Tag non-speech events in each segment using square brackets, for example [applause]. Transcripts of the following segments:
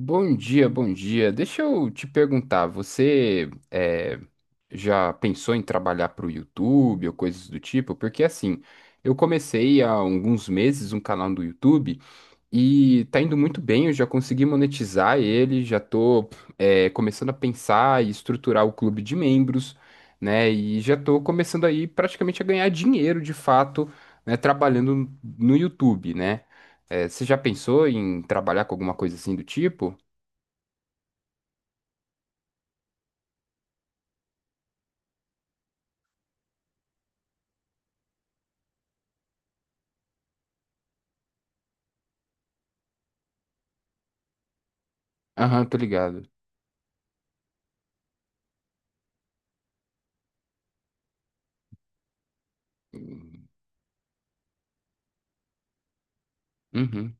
Bom dia, bom dia. Deixa eu te perguntar, você já pensou em trabalhar para o YouTube ou coisas do tipo? Porque assim, eu comecei há alguns meses um canal do YouTube e tá indo muito bem, eu já consegui monetizar ele, já tô começando a pensar e estruturar o clube de membros, né? E já tô começando aí praticamente a ganhar dinheiro de fato, né, trabalhando no YouTube, né? Você já pensou em trabalhar com alguma coisa assim do tipo? Aham, tô ligado. Uhum,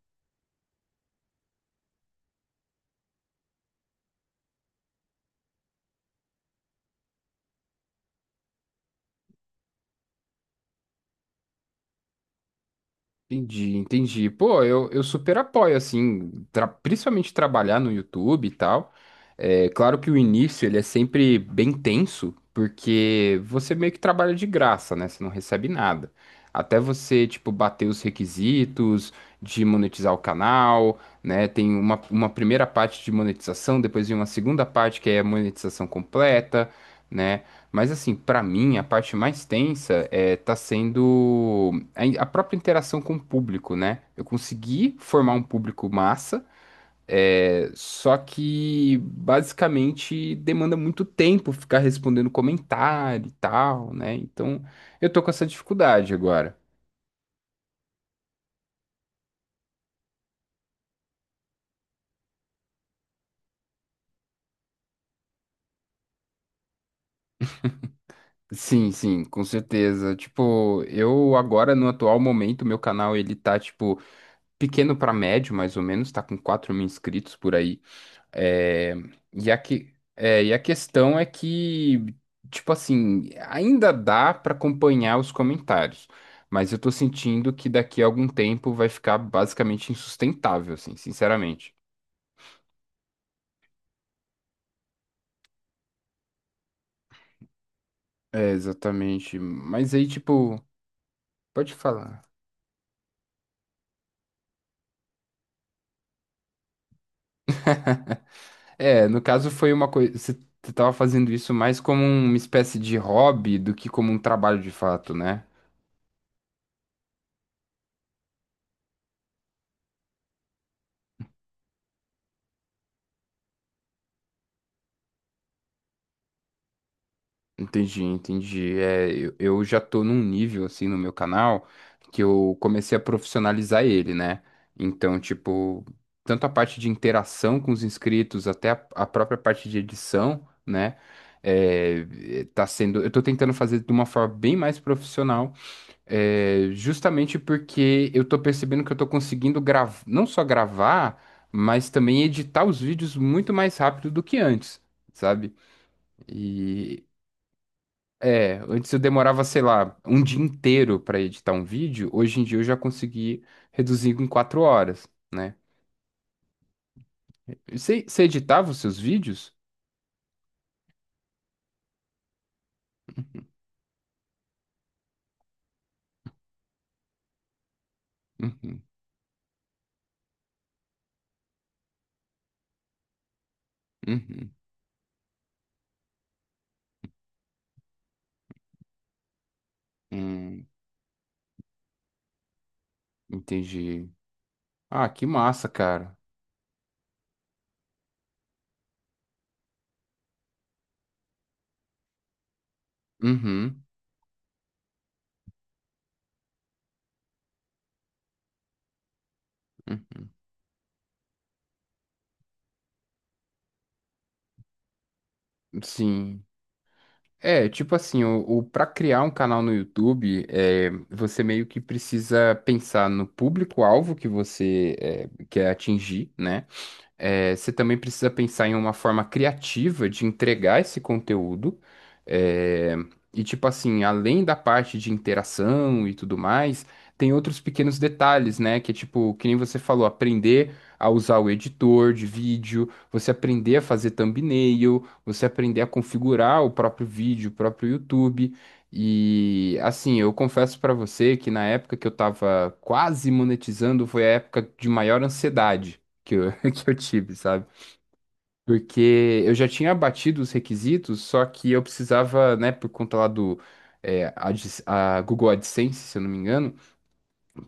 entendi, entendi. Pô, eu super apoio, assim, principalmente trabalhar no YouTube e tal. É claro que o início ele é sempre bem tenso, porque você meio que trabalha de graça, né? Você não recebe nada. Até você, tipo, bater os requisitos de monetizar o canal, né? Tem uma primeira parte de monetização, depois vem uma segunda parte que é a monetização completa, né? Mas assim, pra mim, a parte mais tensa é, tá sendo a própria interação com o público, né? Eu consegui formar um público massa, é, só que basicamente demanda muito tempo ficar respondendo comentário e tal, né? Então eu tô com essa dificuldade agora. Sim, sim, com certeza. Tipo, eu agora no atual momento, meu canal ele tá tipo pequeno pra médio, mais ou menos, tá com 4 mil inscritos por aí. É, e a questão é que, tipo assim, ainda dá para acompanhar os comentários, mas eu tô sentindo que daqui a algum tempo vai ficar basicamente insustentável, assim, sinceramente. É, exatamente. Mas aí, tipo, pode falar. É, no caso foi uma coisa. Você tava fazendo isso mais como uma espécie de hobby do que como um trabalho de fato, né? Entendi, entendi. É, eu já tô num nível assim no meu canal que eu comecei a profissionalizar ele, né? Então, tipo, tanto a parte de interação com os inscritos até a própria parte de edição, né? É, tá sendo, eu tô tentando fazer de uma forma bem mais profissional, é, justamente porque eu tô percebendo que eu tô conseguindo gravar, não só gravar, mas também editar os vídeos muito mais rápido do que antes, sabe? E é, antes eu demorava, sei lá, um dia inteiro para editar um vídeo, hoje em dia eu já consegui reduzir em 4 horas, né? E você editava os seus vídeos? Uhum, uhum, hum, entendi. Ah, que massa, cara. Uhum, uhum. Sim. É, tipo assim, o para criar um canal no YouTube, é, você meio que precisa pensar no público-alvo que você é, quer atingir, né? É, você também precisa pensar em uma forma criativa de entregar esse conteúdo. É, e, tipo assim, além da parte de interação e tudo mais, tem outros pequenos detalhes, né? Que é tipo, que nem você falou, aprender a usar o editor de vídeo, você aprender a fazer thumbnail, você aprender a configurar o próprio vídeo, o próprio YouTube. E assim, eu confesso pra você que na época que eu tava quase monetizando foi a época de maior ansiedade [laughs] que eu tive, sabe? Porque eu já tinha batido os requisitos, só que eu precisava, né, por conta lá do a Google AdSense, se eu não me engano,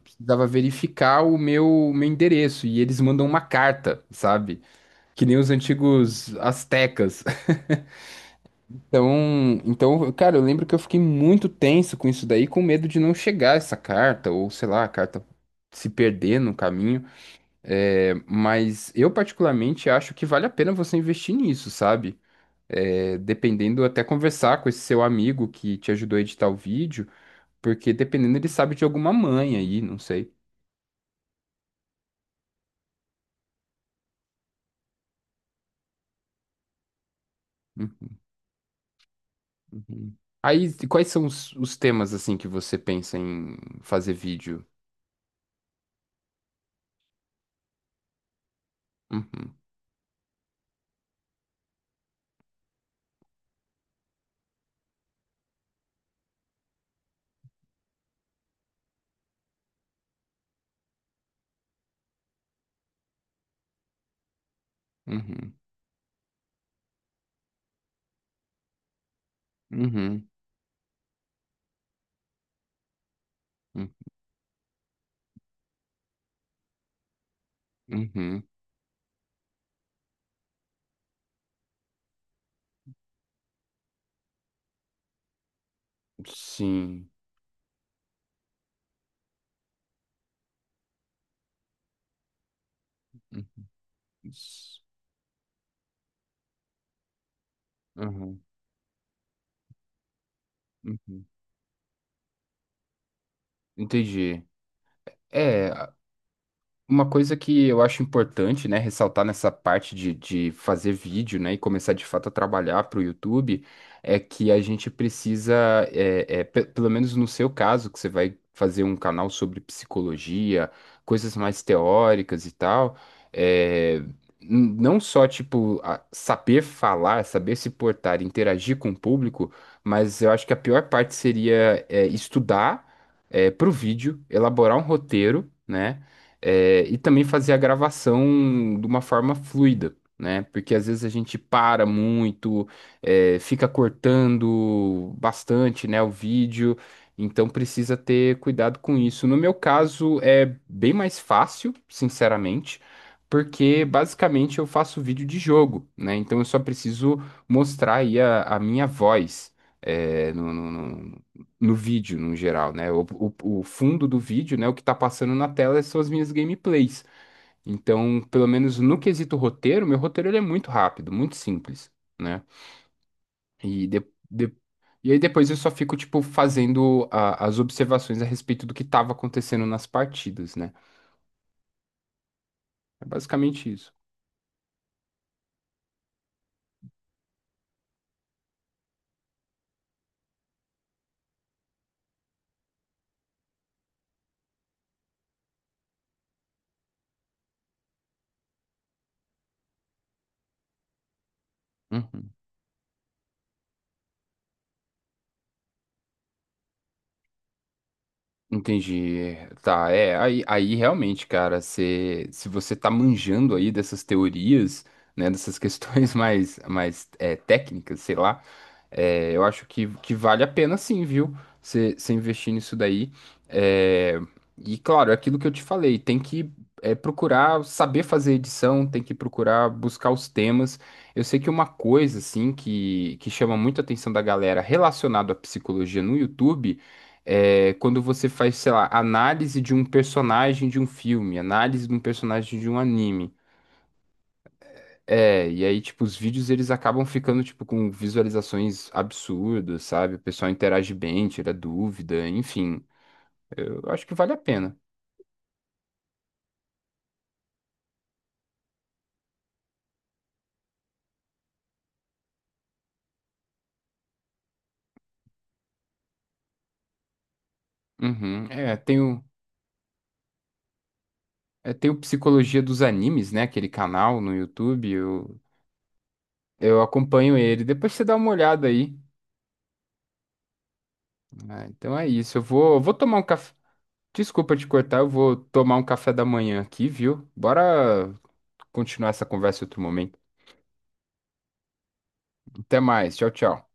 precisava verificar o meu endereço e eles mandam uma carta, sabe? Que nem os antigos astecas. [laughs] Então, cara, eu lembro que eu fiquei muito tenso com isso daí, com medo de não chegar essa carta, ou sei lá, a carta se perder no caminho. É, mas eu particularmente acho que vale a pena você investir nisso, sabe? É, dependendo, até conversar com esse seu amigo que te ajudou a editar o vídeo, porque dependendo, ele sabe de alguma manha aí, não sei. Hum, uhum. Aí, quais são os temas, assim, que você pensa em fazer vídeo? Uhum, uhum, uhum, uhum, uhum. Sim. Uhum, uhum. Entendi. É, uma coisa que eu acho importante, né, ressaltar nessa parte de fazer vídeo, né, e começar de fato a trabalhar para o YouTube, é que a gente precisa, pelo menos no seu caso, que você vai fazer um canal sobre psicologia, coisas mais teóricas e tal, é, não só, tipo, saber falar, saber se portar, interagir com o público, mas eu acho que a pior parte seria, é, estudar, é, para o vídeo, elaborar um roteiro, né? É, e também fazer a gravação de uma forma fluida, né? Porque às vezes a gente para muito, é, fica cortando bastante, né, o vídeo, então precisa ter cuidado com isso. No meu caso, é bem mais fácil, sinceramente. Porque basicamente eu faço vídeo de jogo, né? Então eu só preciso mostrar aí a minha voz, é, no vídeo, no geral, né? O fundo do vídeo, né? O que tá passando na tela são as minhas gameplays. Então, pelo menos no quesito roteiro, meu roteiro ele é muito rápido, muito simples, né? E, de, de- e aí depois eu só fico, tipo, fazendo as observações a respeito do que tava acontecendo nas partidas, né? É basicamente isso. Uhum. Entendi. Tá, é, aí realmente, cara, se você tá manjando aí dessas teorias, né, dessas questões [laughs] mais é, técnicas, sei lá. É, eu acho que vale a pena sim, viu? Você investir nisso daí. É, e claro, é aquilo que eu te falei, tem que é, procurar saber fazer edição, tem que procurar buscar os temas. Eu sei que uma coisa assim que chama muito a atenção da galera relacionado à psicologia no YouTube é quando você faz, sei lá, análise de um personagem de um filme, análise de um personagem de um anime. É, e aí, tipo, os vídeos eles acabam ficando, tipo, com visualizações absurdas, sabe? O pessoal interage bem, tira dúvida, enfim. Eu acho que vale a pena. Uhum. É, tem o Psicologia dos Animes, né? Aquele canal no YouTube, eu acompanho ele. Depois você dá uma olhada aí. Ah, então é isso, eu vou, tomar um café. Desculpa te cortar, eu vou tomar um café da manhã aqui, viu? Bora continuar essa conversa em outro momento. Até mais, tchau, tchau.